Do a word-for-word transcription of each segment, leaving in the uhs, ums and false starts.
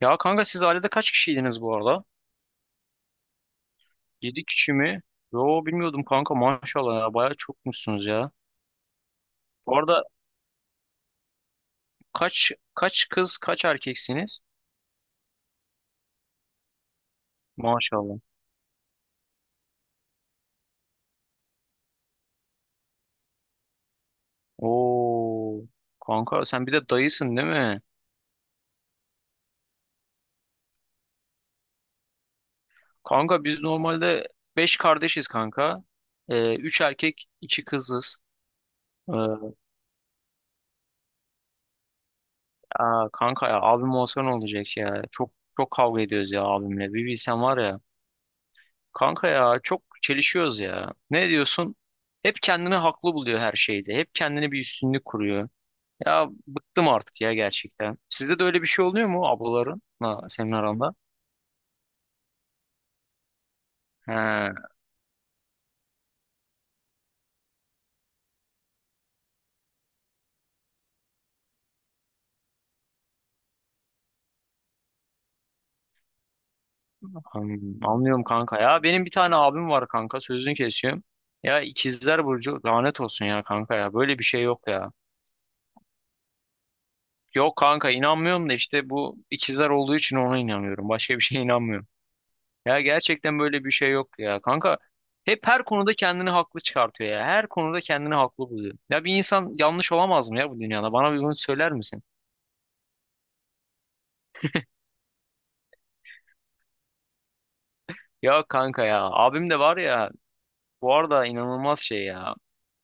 Ya kanka siz ailede kaç kişiydiniz bu arada? Yedi kişi mi? Yo bilmiyordum kanka maşallah ya bayağı çokmuşsunuz ya. Bu arada kaç kaç kız kaç erkeksiniz? Maşallah. Oo, kanka sen bir de dayısın değil mi? Kanka biz normalde beş kardeşiz kanka. Ee, Üç erkek iki kızız. Ee, aa, kanka ya abim olsa ne olacak ya? Çok çok kavga ediyoruz ya abimle. Bir bilsen var ya. Kanka ya çok çelişiyoruz ya. Ne diyorsun? Hep kendini haklı buluyor her şeyde. Hep kendini bir üstünlük kuruyor. Ya bıktım artık ya gerçekten. Sizde de öyle bir şey oluyor mu ablaların? Ha, senin aranda. He, an- anlıyorum kanka ya. Benim bir tane abim var kanka. Sözünü kesiyorum. Ya ikizler burcu lanet olsun ya kanka ya. Böyle bir şey yok ya. Yok kanka, inanmıyorum da işte bu ikizler olduğu için ona inanıyorum. Başka bir şeye inanmıyorum. Ya gerçekten böyle bir şey yok ya. Kanka hep her konuda kendini haklı çıkartıyor ya. Her konuda kendini haklı buluyor. Ya bir insan yanlış olamaz mı ya bu dünyada? Bana bir bunu söyler misin? Ya kanka ya. Abim de var ya. Bu arada inanılmaz şey ya.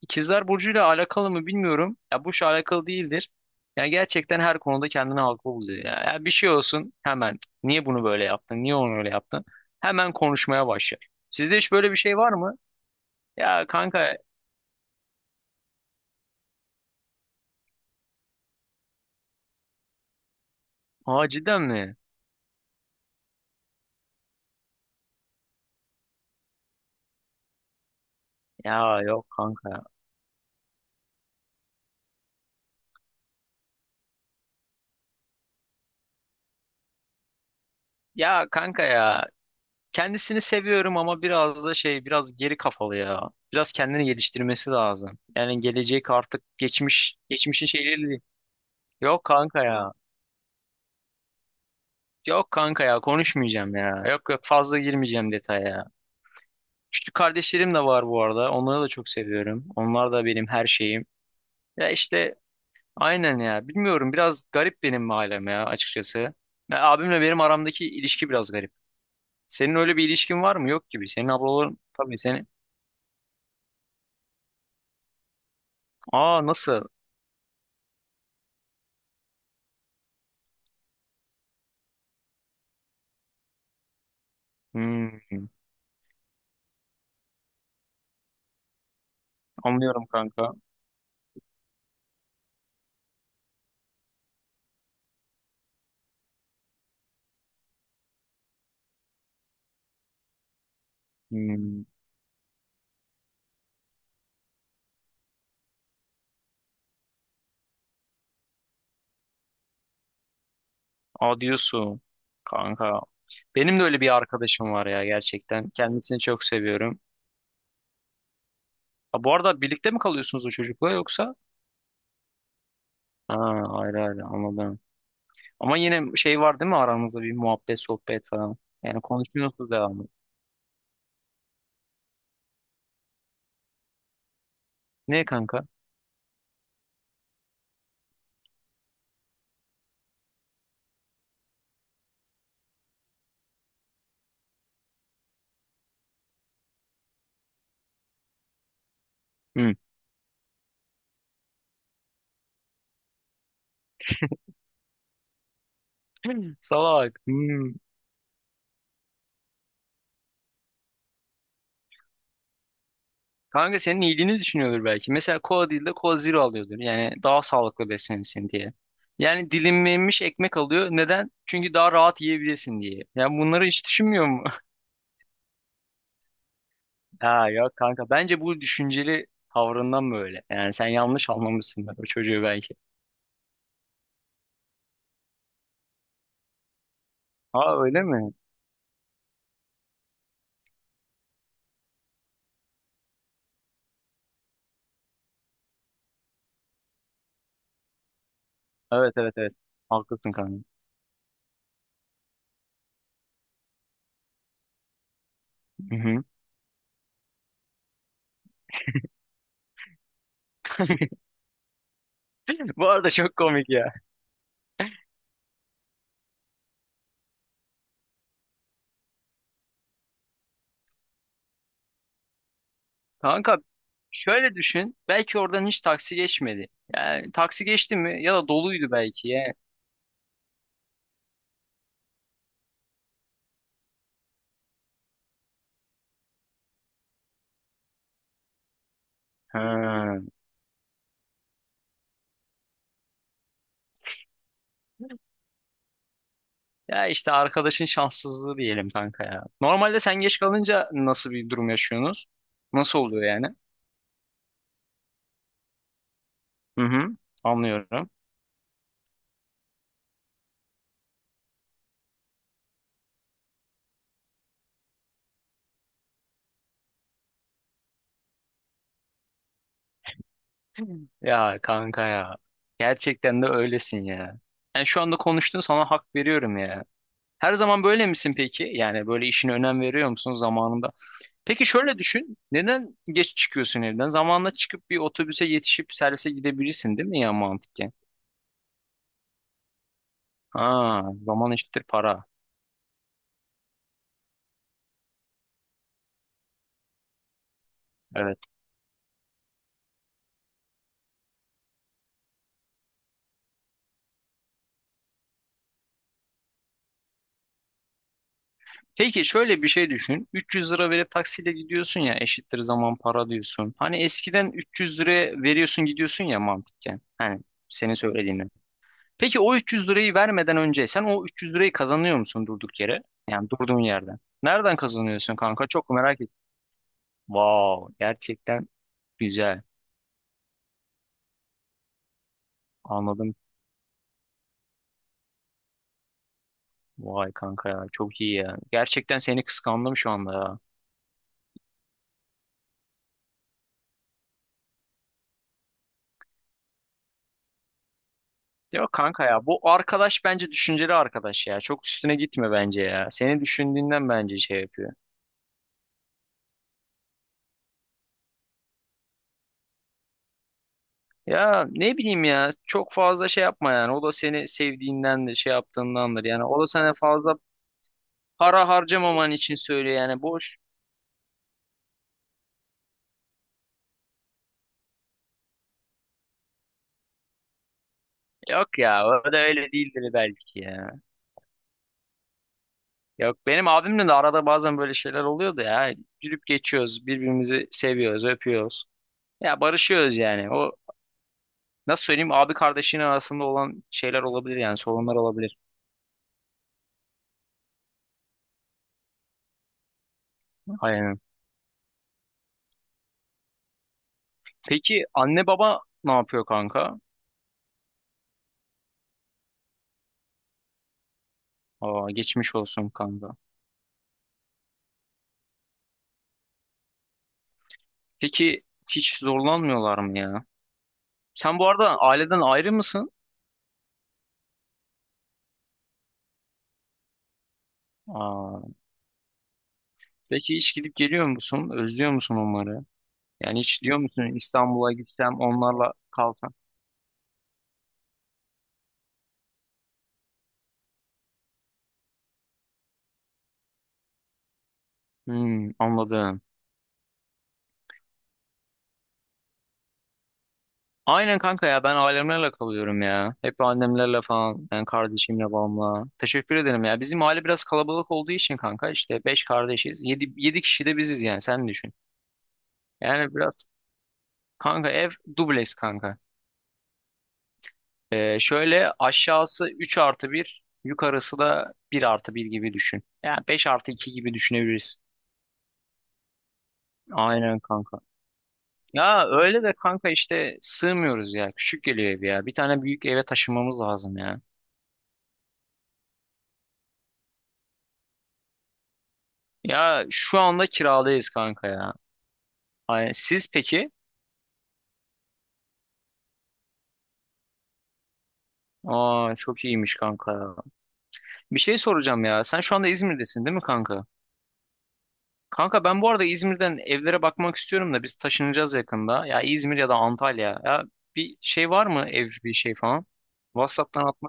İkizler Burcu'yla alakalı mı bilmiyorum. Ya bu şey alakalı değildir. Ya gerçekten her konuda kendini haklı buluyor ya. Ya bir şey olsun hemen. "Cık, niye bunu böyle yaptın? Niye onu öyle yaptın? Hemen konuşmaya başlar. Sizde hiç böyle bir şey var mı? Ya kanka. Aa, cidden mi? Ya yok kanka. Ya kanka ya, kendisini seviyorum ama biraz da şey, biraz geri kafalı ya. Biraz kendini geliştirmesi lazım. Yani gelecek artık, geçmiş geçmişin şeyleri değil. Yok kanka ya. Yok kanka ya, konuşmayacağım ya. Yok yok, fazla girmeyeceğim detaya. Küçük kardeşlerim de var bu arada. Onları da çok seviyorum. Onlar da benim her şeyim. Ya işte aynen ya. Bilmiyorum, biraz garip benim ailem ya açıkçası. Ya abimle benim aramdaki ilişki biraz garip. Senin öyle bir ilişkin var mı? Yok gibi. Senin ablaların tabii senin. Aa, nasıl? Hmm, anlıyorum kanka. Hmm, aa, diyorsun kanka. Benim de öyle bir arkadaşım var ya gerçekten. Kendisini çok seviyorum. Ha, bu arada birlikte mi kalıyorsunuz o çocukla yoksa? Ha, ayrı ayrı, anladım. Ama yine şey var değil mi aranızda, bir muhabbet sohbet falan. Yani konuşuyorsunuz devamlı. Ne kanka? Hmm. Salak. Hmm. Kanka senin iyiliğini düşünüyordur belki. Mesela kola değil de kola zero alıyordur. Yani daha sağlıklı beslenirsin diye. Yani dilimlenmiş ekmek alıyor. Neden? Çünkü daha rahat yiyebilirsin diye. Yani bunları hiç düşünmüyor mu? Ha yok kanka. Bence bu düşünceli tavrından böyle. Yani sen yanlış anlamışsın o çocuğu belki. Ha, öyle mi? Evet evet evet. Haklısın kanka. Hı hı. Bu arada çok komik ya. Kanka şöyle düşün. Belki oradan hiç taksi geçmedi. Yani taksi geçti mi ya da doluydu belki ya. Ha. Ya işte arkadaşın şanssızlığı diyelim kanka ya. Normalde sen geç kalınca nasıl bir durum yaşıyorsunuz? Nasıl oluyor yani? Hı hı. Anlıyorum. Ya kanka ya. Gerçekten de öylesin ya. Yani şu anda konuştuğun, sana hak veriyorum ya. Her zaman böyle misin peki? Yani böyle işine önem veriyor musun zamanında? Peki şöyle düşün. Neden geç çıkıyorsun evden? Zamanla çıkıp bir otobüse yetişip servise gidebilirsin değil mi ya mantıken? Ha, zaman eşittir para. Evet. Peki şöyle bir şey düşün. üç yüz lira verip taksiyle gidiyorsun ya, eşittir zaman para diyorsun. Hani eskiden üç yüz lira veriyorsun gidiyorsun ya mantıken. Hani senin söylediğinden. Peki o üç yüz lirayı vermeden önce sen o üç yüz lirayı kazanıyor musun durduk yere? Yani durduğun yerden. Nereden kazanıyorsun kanka? Çok merak ettim. Wow, gerçekten güzel. Anladım. Vay kanka ya, çok iyi ya. Gerçekten seni kıskandım şu anda ya. Yok kanka ya, bu arkadaş bence düşünceli arkadaş ya. Çok üstüne gitme bence ya. Seni düşündüğünden bence şey yapıyor. Ya ne bileyim ya, çok fazla şey yapma yani. O da seni sevdiğinden de şey yaptığındandır. Yani o da sana fazla para harcamaman için söylüyor yani. Boş. Yok ya, o da öyle değildir belki ya. Yok, benim abimle de arada bazen böyle şeyler oluyordu ya. Gülüp geçiyoruz, birbirimizi seviyoruz, öpüyoruz. Ya barışıyoruz yani. O, nasıl söyleyeyim, abi kardeşinin arasında olan şeyler olabilir yani, sorunlar olabilir. Aynen. Peki anne baba ne yapıyor kanka? Aa, geçmiş olsun kanka. Peki hiç zorlanmıyorlar mı ya? Sen bu arada aileden ayrı mısın? Aa, peki hiç gidip geliyor musun? Özlüyor musun onları? Yani hiç diyor musun, İstanbul'a gitsem onlarla kalsam? Hmm, anladım. Aynen kanka ya, ben ailemlerle kalıyorum ya. Hep annemlerle falan, yani kardeşimle babamla. Teşekkür ederim ya. Bizim aile biraz kalabalık olduğu için kanka, işte beş kardeşiz. Yedi yedi kişi de biziz, yani sen düşün. Yani biraz. Kanka ev dubleks kanka. Ee, şöyle aşağısı üç artı bir, yukarısı da bir artı bir gibi düşün. Yani beş artı iki gibi düşünebiliriz. Aynen kanka. Ya öyle de kanka, işte sığmıyoruz ya. Küçük geliyor ev ya. Bir tane büyük eve taşınmamız lazım ya. Ya şu anda kiradayız kanka ya. Ay, siz peki? Aa, çok iyiymiş kanka ya. Bir şey soracağım ya. Sen şu anda İzmir'desin değil mi kanka? Kanka ben bu arada İzmir'den evlere bakmak istiyorum da, biz taşınacağız yakında. Ya İzmir ya da Antalya. Ya bir şey var mı ev, bir şey falan? WhatsApp'tan atma.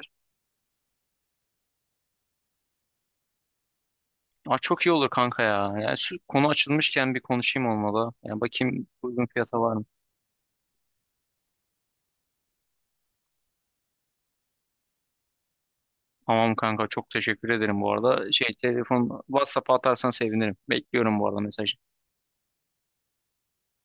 Aa, çok iyi olur kanka ya. Yani şu konu açılmışken bir konuşayım olmalı. Yani bakayım uygun fiyata var mı? Tamam kanka, çok teşekkür ederim bu arada. Şey, telefon WhatsApp'a atarsan sevinirim. Bekliyorum bu arada mesajını.